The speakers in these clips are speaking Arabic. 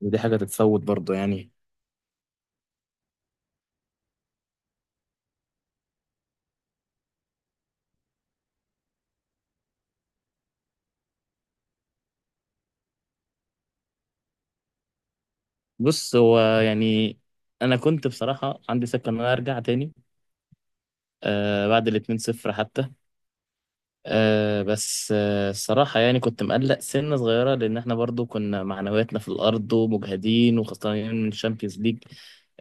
ودي حاجة تتفوت برضه يعني؟ بص، هو يعني أنا كنت بصراحة عندي سكة إن أنا أرجع تاني آه، بعد الاتنين صفر حتى. آه بس آه الصراحة يعني كنت مقلق سنة صغيرة، لأن إحنا برضه كنا معنوياتنا في الأرض ومجهدين وخسرانين من الشامبيونز ليج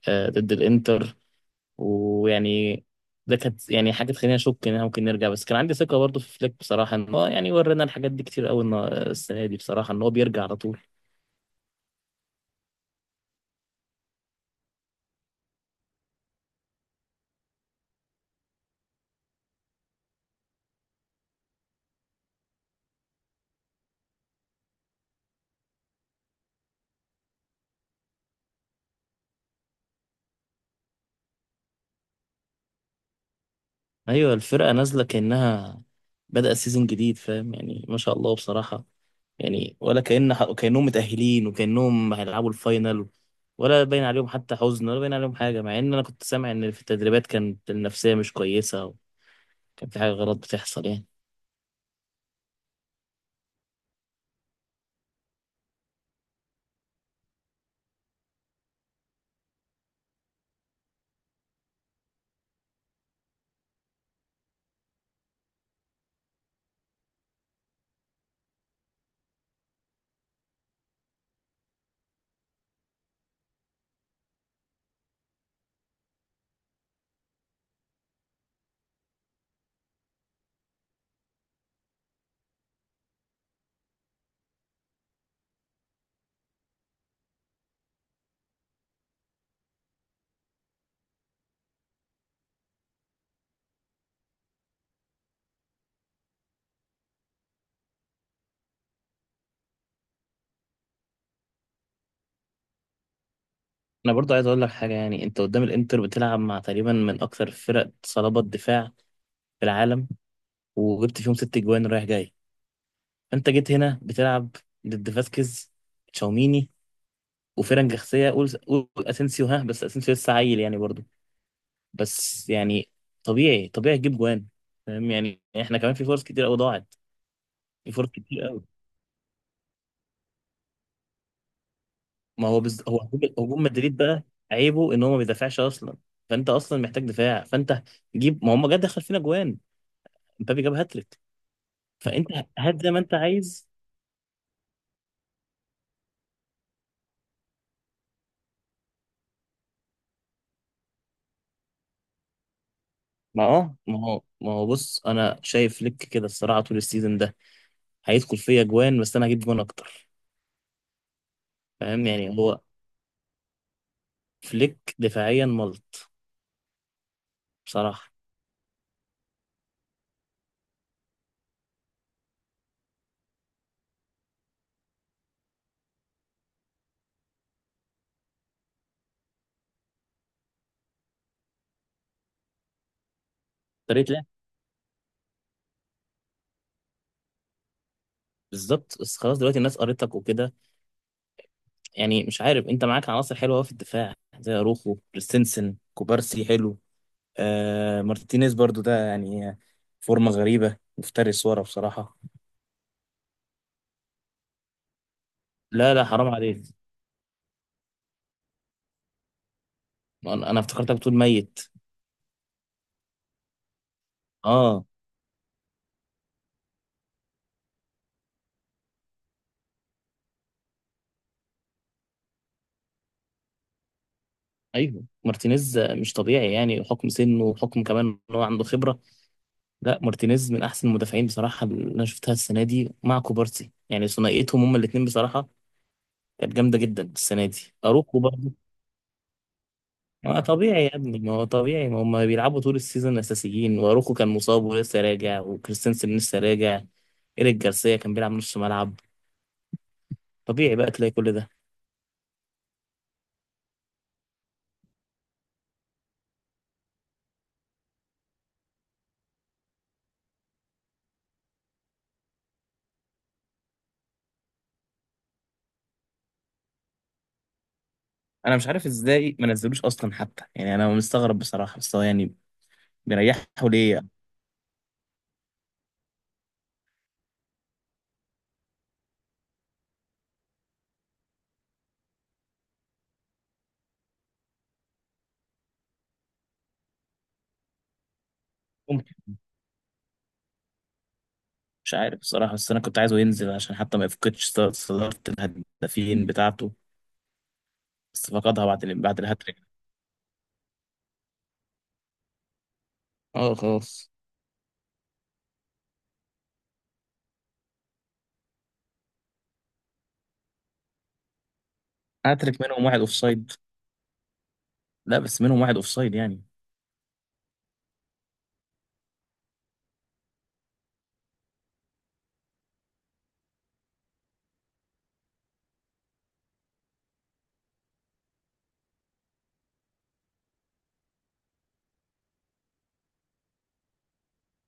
آه، ضد الإنتر. ويعني ده كانت يعني حاجة تخليني أشك إن إحنا ممكن نرجع، بس كان عندي ثقة برضه في فليك بصراحة، إن هو يعني ورينا الحاجات دي كتير أوي السنة دي بصراحة إن هو بيرجع على طول. ايوه الفرقه نازله كانها بدأ سيزون جديد، فاهم يعني، ما شاء الله بصراحه. يعني ولا كأنهم متأهلين وكأنهم هيلعبوا الفاينل، ولا باين عليهم حتى حزن، ولا باين عليهم حاجه، مع ان انا كنت سامع ان في التدريبات كانت النفسيه مش كويسه، وكان في حاجه غلط بتحصل يعني. انا برضو عايز اقول لك حاجه، يعني انت قدام الانتر بتلعب مع تقريبا من اكثر فرق صلابه دفاع في العالم، وجبت فيهم ست جوان رايح جاي. انت جيت هنا بتلعب ضد فاسكيز، تشاوميني، وفرق جنسية، قول قول اسينسيو ها، بس اسينسيو لسه عيل يعني برضه. بس يعني طبيعي طبيعي تجيب جوان. فاهم يعني احنا كمان في فرص كتير قوي ضاعت، في فرص كتير قوي. ما هو بز... هو هجوم مدريد بقى عيبه ان هو ما بيدافعش اصلا، فانت اصلا محتاج دفاع. فانت جيب، ما هم جد دخل فينا جوان، مبابي جاب هاتريك. فانت هات زي ما انت عايز. ما هو بص انا شايف لك كده الصراحه طول السيزون ده هيدخل فيا جوان، بس انا هجيب جوان اكتر. فاهم يعني هو فليك دفاعيا ملط بصراحة. اشتريت ليه؟ بالظبط، بس خلاص دلوقتي الناس قريتك وكده. يعني مش عارف، انت معاك عناصر حلوة أوي في الدفاع، زي اروخو، كريستنسن، كوبارسي حلو، آه مارتينيز برضو ده يعني فورمة غريبة، مفترس ورا بصراحة. لا لا حرام عليك، أنا افتكرتك بتقول ميت. اه. ايوه مارتينيز مش طبيعي يعني، حكم سنه وحكم كمان ان هو عنده خبرة. لا مارتينيز من احسن المدافعين بصراحة اللي انا شفتها السنة دي، مع كوبارسي يعني ثنائيتهم هما الاتنين بصراحة كانت جامدة جدا السنة دي. أروخو برضه، ما طبيعي يا ابني، ما هو طبيعي، ما هم بيلعبوا طول السيزون اساسيين، واروخو كان مصاب ولسه راجع، وكريستنسن لسه راجع، ايريك جارسيا كان بيلعب نص ملعب. طبيعي بقى تلاقي كل ده. انا مش عارف ازاي ما نزلوش اصلا حتى، يعني انا مستغرب بصراحه، بس هو يعني بيريحه ليه. ممكن، مش عارف بصراحه، بس انا كنت عايزه ينزل عشان حتى ما يفقدش صداره الهدافين بتاعته. بس فقدها بعد الهاتريك. اه خلاص. هاتريك منهم واحد اوفسايد، لا بس منهم واحد اوفسايد يعني.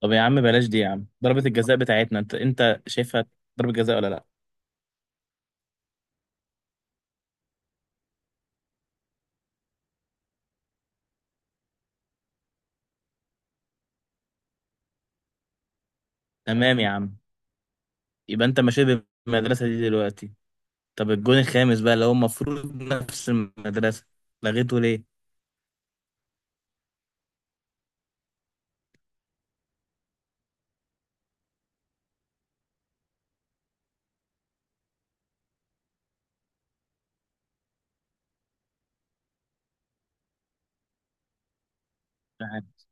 طب يا عم بلاش دي يا عم، ضربة الجزاء بتاعتنا انت شايفها ضربة جزاء ولا لا؟ تمام يا عم، يبقى انت ماشي بالمدرسة دي دلوقتي. طب الجون الخامس بقى اللي هو المفروض نفس المدرسة، لغيته ليه؟ مش عارف.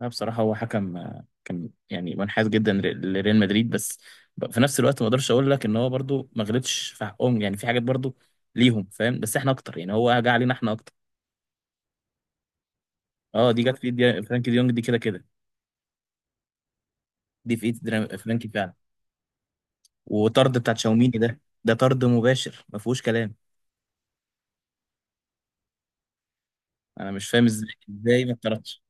انا بصراحة هو حكم آه، كان يعني منحاز جدا لريال مدريد، بس في نفس الوقت ما اقدرش اقول لك ان هو برضو ما غلطش في حقهم، يعني في حاجات برضو ليهم فاهم، بس احنا اكتر يعني، هو جه علينا احنا اكتر. اه دي جت في ايد فرانكي ديونج دي كده كده. دي في ايد فرانكي فعلا. وطرد بتاع تشاوميني ده طرد مباشر ما فيهوش كلام. انا مش فاهم ازاي ما اتطردش.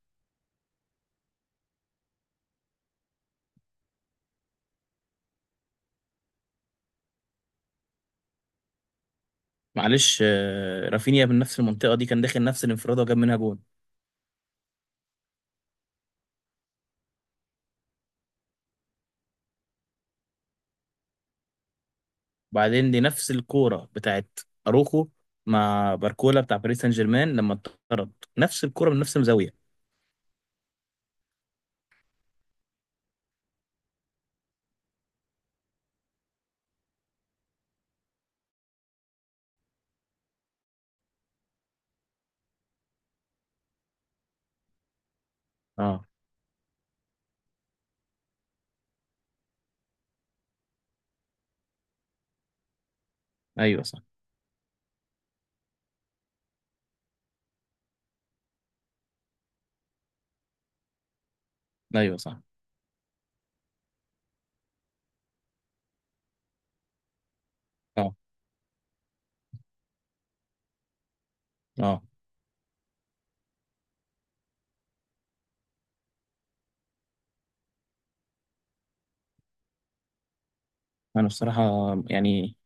معلش آه، رافينيا من نفس المنطقه دي كان داخل نفس الانفراد وجاب منها جون. وبعدين دي نفس الكوره بتاعت اروخو مع باركولا بتاع باريس سان جيرمان لما اتطرد، نفس الكوره من نفس الزاويه. اه. ايوه صح. ايوه صح. اه. اه. انا بصراحه يعني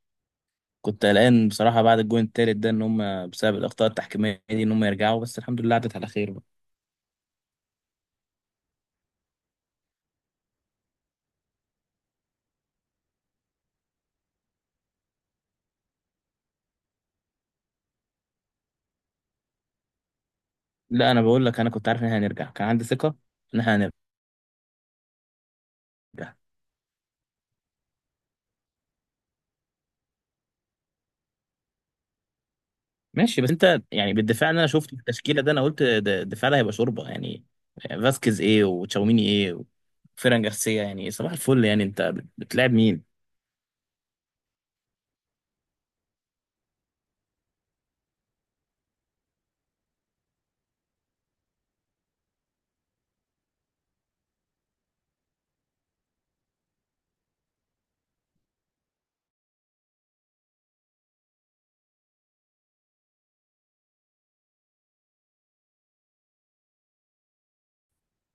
كنت قلقان بصراحه بعد الجون التالت ده، ان هم بسبب الاخطاء التحكيميه دي ان هم يرجعوا، بس الحمد لله عدت على خير. لا انا بقول لك انا كنت عارف ان احنا هنرجع، كان عندي ثقه ان احنا هنرجع. ماشي، بس انت يعني بالدفاع اللي انا شفت التشكيله ده انا قلت الدفاع ده هيبقى شوربه يعني. فاسكيز ايه وتشاوميني ايه وفيران جارسيا، يعني صباح الفل يعني، انت بتلعب مين؟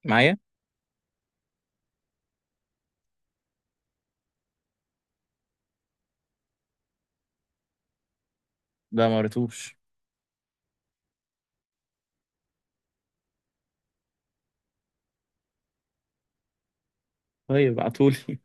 معايا. لا ما قريتوش. طيب ابعتولي.